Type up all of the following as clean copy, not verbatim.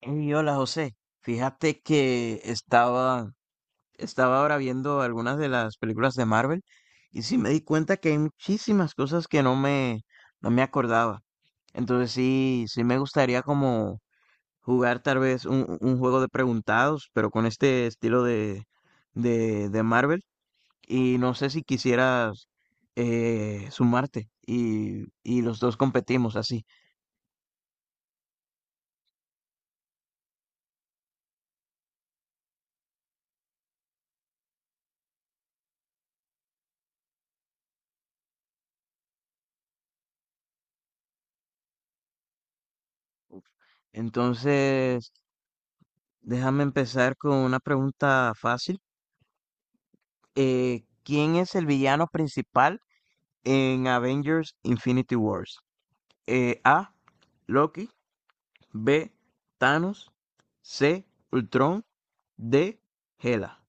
Hey, hola José, fíjate que estaba ahora viendo algunas de las películas de Marvel y sí me di cuenta que hay muchísimas cosas que no me acordaba. Entonces sí me gustaría como jugar tal vez un juego de preguntados, pero con este estilo de Marvel. Y no sé si quisieras sumarte y los dos competimos así. Entonces, déjame empezar con una pregunta fácil. ¿Quién es el villano principal en Avengers Infinity Wars? A. Loki. B. Thanos. C. Ultron. D. Hela.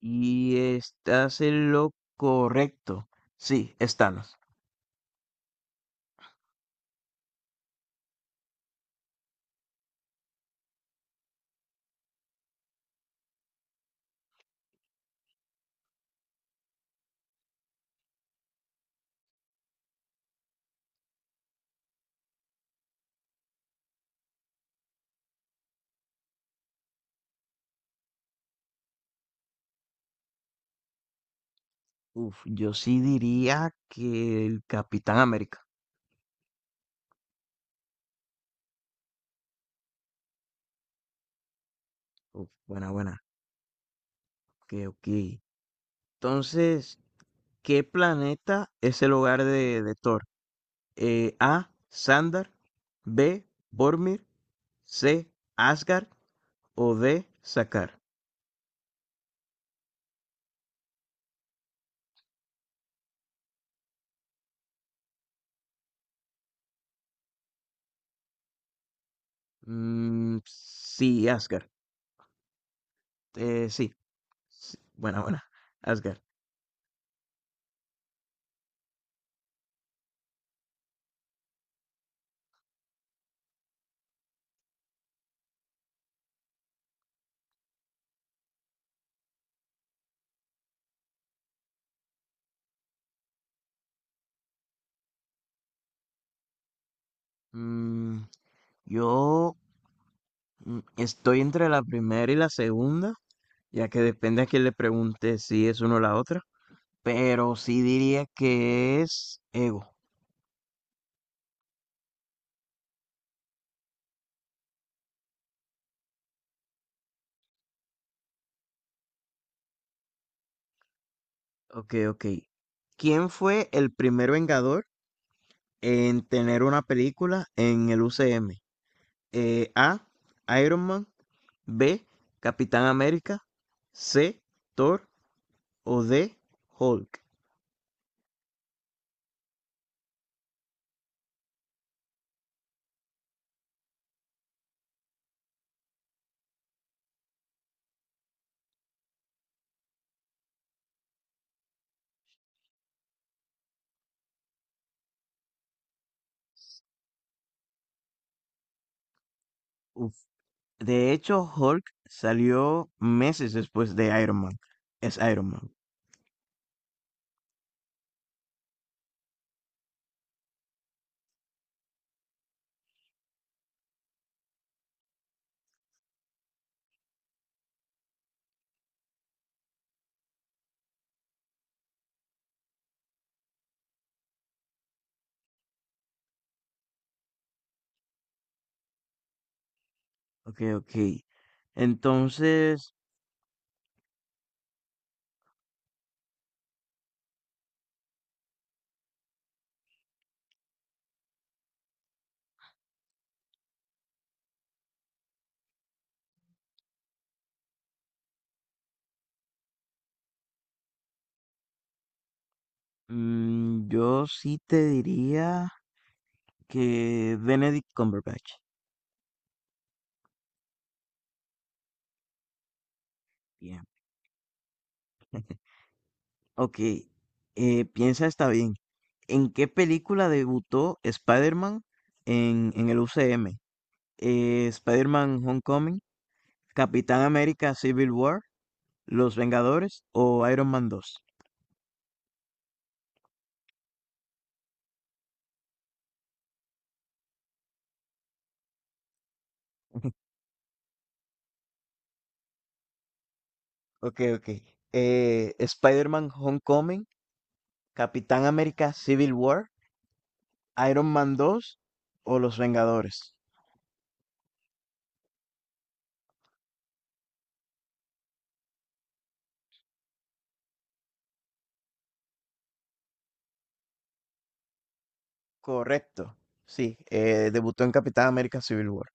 Y estás en lo correcto. Sí, es Thanos. Uf, yo sí diría que el Capitán América. Uf, buena, buena. Ok, ok. Entonces, ¿qué planeta es el hogar de Thor? Eh, A. Sandar, B. Bormir, C. Asgard o D. Sakar. Mm, sí, Asgard. Sí. Sí. Buena, buena. Asgard. Mm, yo mm, estoy entre la primera y la segunda, ya que depende a quién le pregunte si es una o la otra, pero sí diría que es Ego. Ok, ok. ¿Quién fue el primer Vengador en tener una película en el UCM? Eh, A, Iron Man, B, Capitán América, C, Thor o D, Hulk. Uf, de hecho, Hulk salió meses después de Iron Man. Es Iron Man. Ok, ok. Entonces, mm, yo sí te diría que Benedict Cumberbatch. Bien. Ok, piensa está bien. ¿En qué película debutó Spider-Man en el UCM? Eh, Spider-Man Homecoming, Capitán América Civil War, Los Vengadores o Iron Man 2. Ok, ok. Spider-Man Homecoming, Capitán América Civil War, Iron Man 2 o Los Vengadores. Correcto. Sí, debutó en Capitán América Civil War.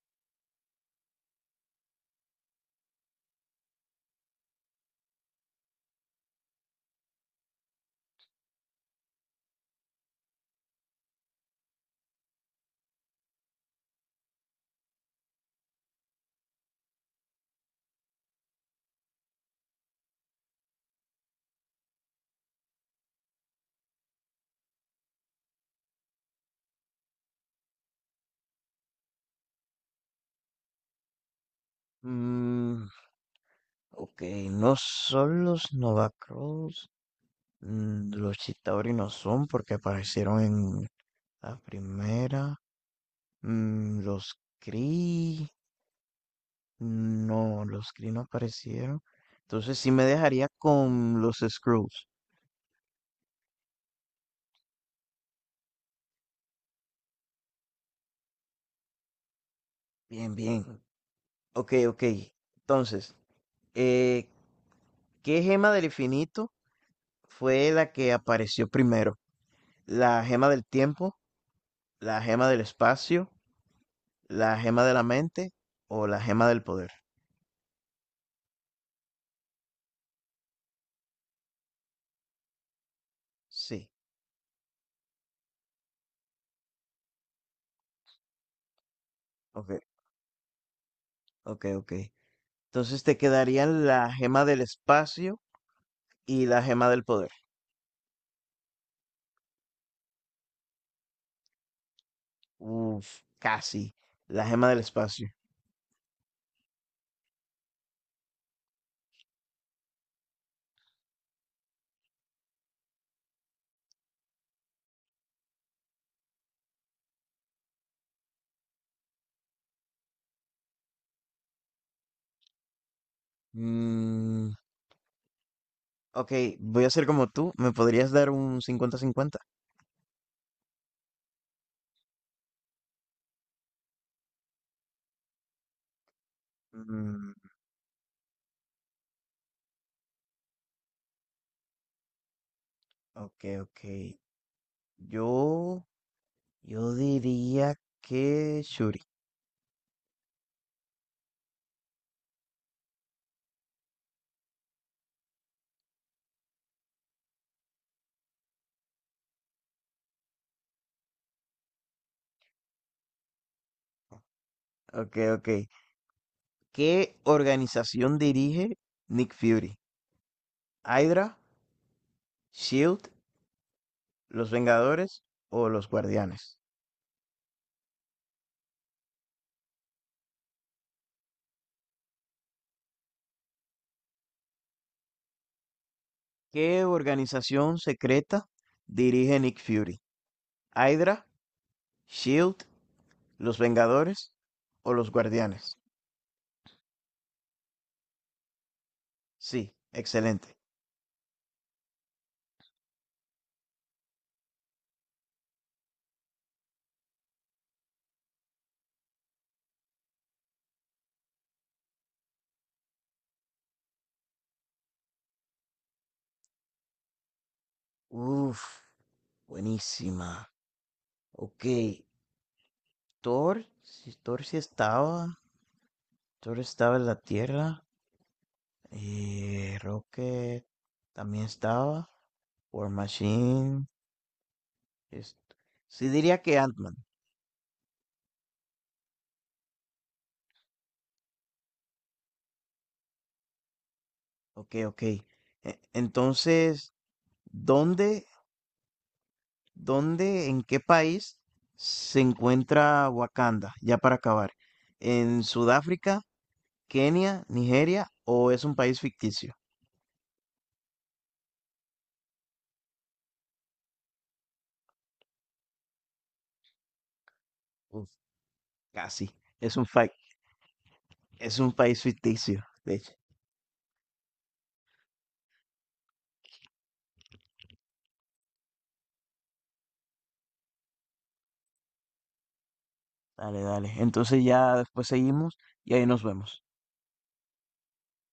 Mm, ok, no son los Nova Cross. Mm, los Chitauri no son porque aparecieron en la primera. Mm, los Kree no aparecieron. Entonces sí me dejaría con los Skrulls. Bien, bien. Ok, ok. Entonces, eh, ¿qué gema del infinito fue la que apareció primero? ¿La gema del tiempo, la gema del espacio, la gema de la mente o la gema del poder? Sí, ok, ok, ok. Entonces te quedarían la gema del espacio y la gema del poder. Uf, casi. La gema del espacio. Mm, ok, voy a ser como tú. ¿Me podrías dar un cincuenta-cincuenta? Mm, ok, ok. Yo, yo diría que Shuri. Ok, ok. ¿Qué organización dirige Nick Fury? ¿Hydra, Shield, los Vengadores o los Guardianes? ¿Qué organización secreta dirige Nick Fury? ¿Hydra, Shield, los Vengadores o los Guardianes? Sí, excelente. Uf, buenísima. Ok, Thor, si Thor sí estaba, Thor estaba en la Tierra, y Rocket también estaba, War Machine, es- sí diría que Ant-Man. Ok, ok. E- Entonces, ¿dónde, dónde, en qué país se encuentra Wakanda? Ya para acabar. ¿En Sudáfrica, Kenia, Nigeria o es un país ficticio? Uf, casi. Es un fa- es un país ficticio, de hecho. Dale, dale. Entonces ya después seguimos y ahí nos vemos.